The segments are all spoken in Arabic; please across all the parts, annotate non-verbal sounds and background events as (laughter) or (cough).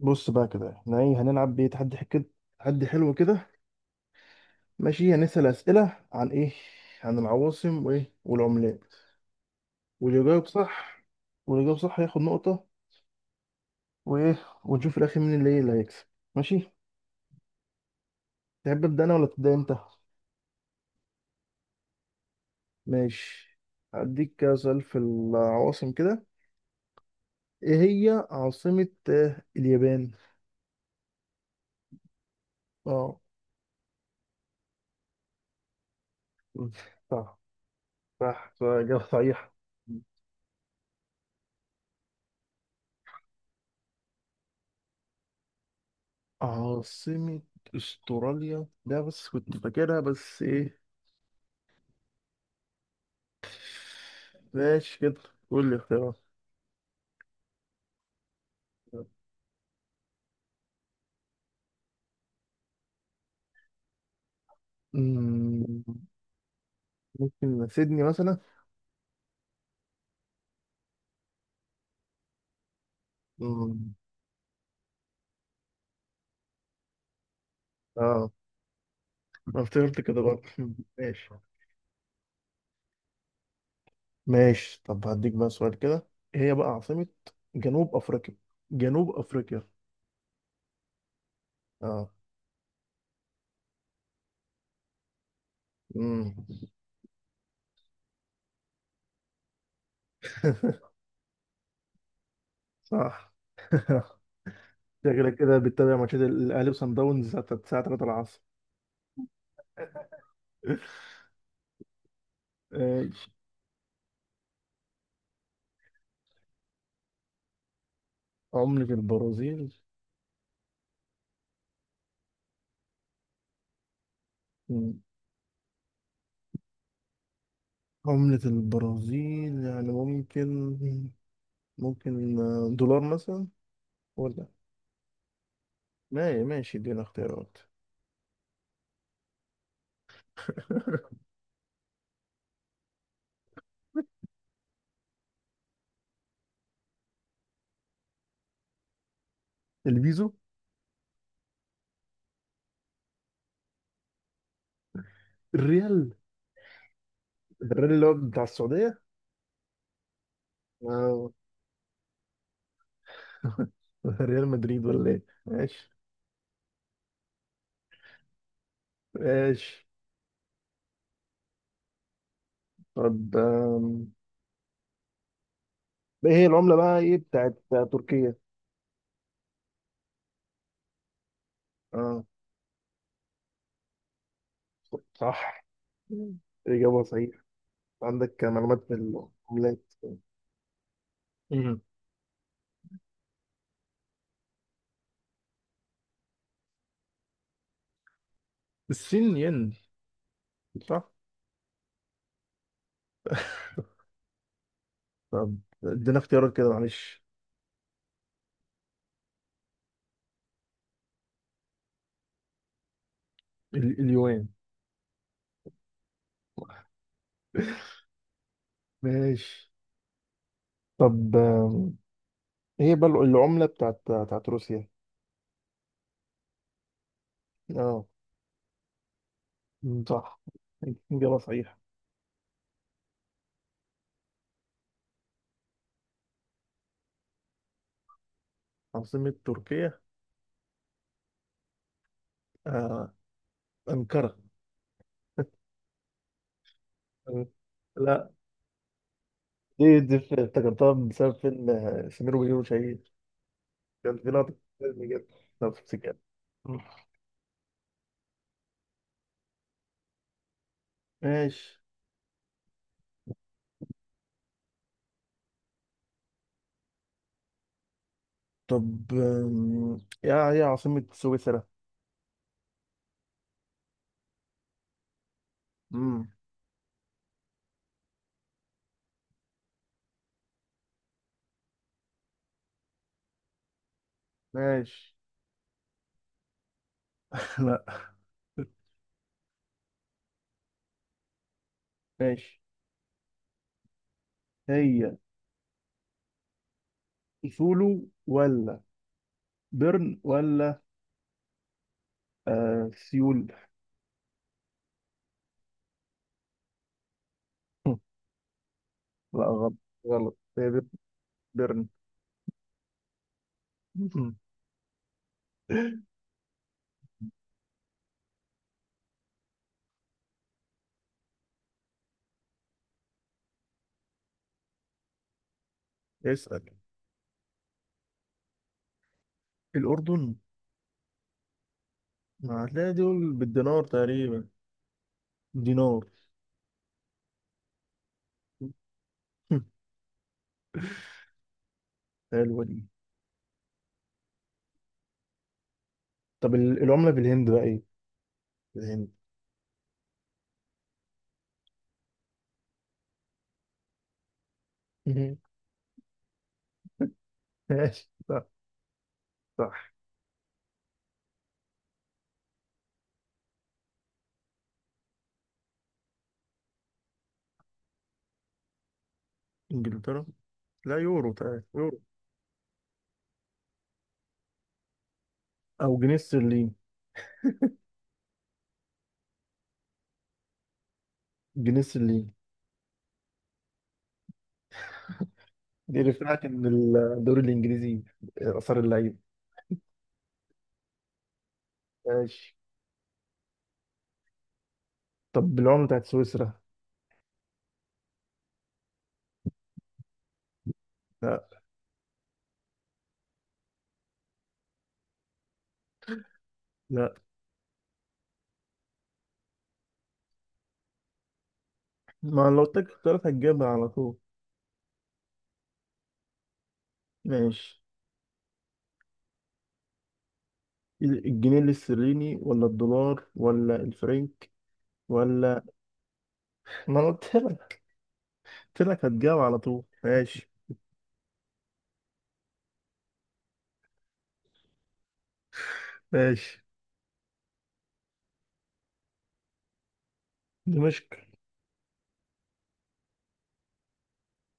بص بقى كده احنا ايه هنلعب بيه كده تحدي حلو كده. ماشي، هنسأل أسئلة عن ايه، عن العواصم وايه والعملات. واللي يجاوب صح واللي يجاوب صح هياخد نقطة وايه. ونشوف في الأخير مين اللي ايه اللي هيكسب. ماشي. تحب أبدأ أنا ولا تبدأ أنت؟ ماشي. هديك كده سؤال في العواصم كده، ايه هي عاصمة اليابان؟ اه. صح صح صح، إجابة صحيحة. عاصمة استراليا ده بس كنت فاكرها بس ايه. ماشي كده. قول لي اختيارات. مم، ممكن سيدني مثلا. مم. اه. أنا افتكرت كده برضه، ماشي. ماشي طب هديك بقى سؤال كده. إيه هي بقى عاصمة جنوب أفريقيا؟ جنوب أفريقيا. اه. مم. (laughs) صح. (laughs) شكلك كده بتتابع ماتشات الأهلي وصن داونز الساعة 3 العصر. (laughs) ماشي. عملة البرازيل. مم. عملة البرازيل يعني ممكن، ممكن دولار مثلا، ولا... ما ماشي ادينا اختيارات. (laughs) البيزو. الريال. الريال اللي هو بتاع السعودية. آه، (laughs) ريال مدريد ولا ايه؟ ماشي. ماشي طب، ايه هي العملة بقى ايه بتاعت تركيا؟ اه. صح، إجابة صحيحة. عندك معلومات في العملات. مم. الصين ين. صح. طب ادينا اختيارات كده معلش. اليوان. (laughs) ماشي. طب هي بل العملة بتاعت روسيا؟ اه. مم. صح، إجابة صحيحة. عاصمة تركيا آه. أنقرة. (laughs) لا. افتكرتها بسبب فيلم سمير وبهير وشهير. كان في لقطة في الفيلم كده، نفس الكلام. مم. ماشي. طب يا هي عاصمة سويسرا؟ امم ماشي. (laughs) لا. ماشي. هي سولو، ولا بيرن، ولا سيول. (laughs) لا غلط. غلط. هي درن. (laughs) اسأل. الأردن، ما هتلاقي دول بالدينار تقريبا. دينار. (laughs) حلوة دي. طب العملة في الهند بقى ايه؟ في الهند. مهم. (laughs) ماشي، صح. صح. إنجلترا، لا يورو تقريبا، يورو. او جنيه استرليني. جنيه استرليني. دي اللي بتاعت ان. الدوري الانجليزي، اثار اللعيبه. ماشي. طب العمله بتاعت سويسرا؟ لا. لا. ما لو اديتك اختيارات هتجيبها على طول. ماشي، الجنيه الاسترليني ولا الدولار ولا الفرنك، ولا... ما انا قلت لك، قلت لك هتجاوب على طول. ماشي. ماشي. دمشق.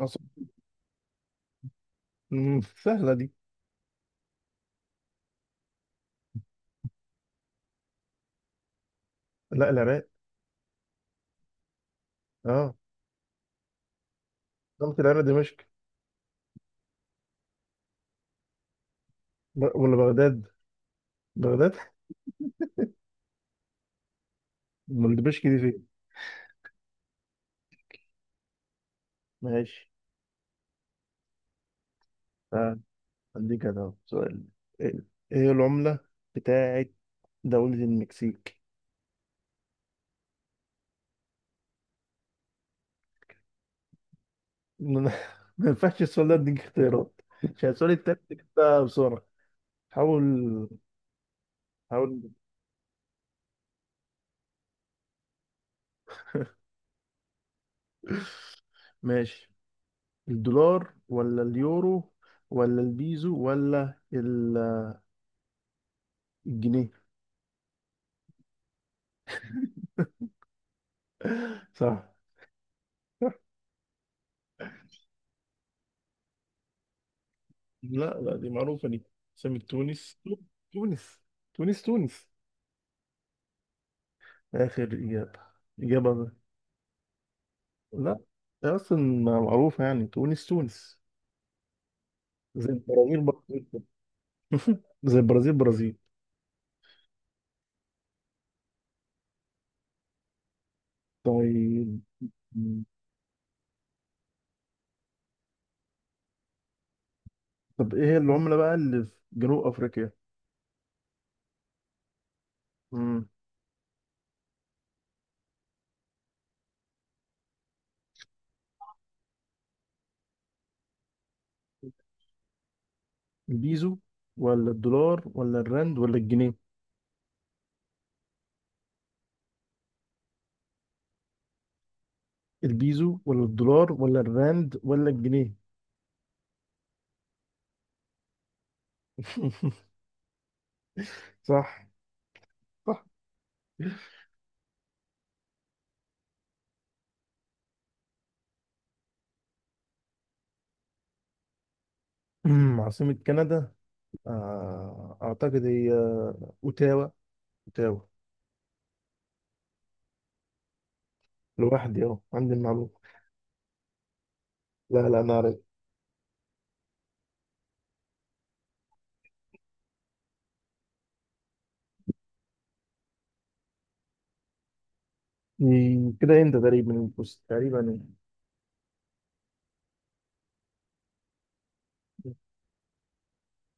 أصل. سهلة دي. لا، العراق. اه. قلت العراق دمشق. ولا بغداد. بغداد. امال دمشق دي فين؟ ماشي. تعال هديك انا أهو سؤال. ايه. إيه العملة بتاعت دولة المكسيك؟ ما أنا- (laughs) ما ينفعش السؤال ده اديك اختيارات، عشان السؤال التاني ده بسرعة. حاول. حاول. ماشي، الدولار ولا اليورو ولا البيزو ولا الجنيه. صح. صح. لا لا، دي معروفة دي. سمك تونس. تونس. تونس تونس. آخر إجابة. إجابة. لا. هي أصلا معروفة، يعني تونس تونس. زي البرازيل برازيل كده. زي البرازيل برازيل. طيب. طب إيه هي العملة بقى اللي في جنوب أفريقيا؟ مم. البيزو ولا الدولار ولا الرند ولا الجنيه؟ البيزو ولا الدولار ولا الراند ولا الجنيه. (laughs) صح. صح. عاصمة كندا، أعتقد هي أوتاوا. أوتاوا. لوحدي أهو عندي المعلومة. لا لا، أنا عارف. إيه، كده أنت تقريبا، بص تقريبا.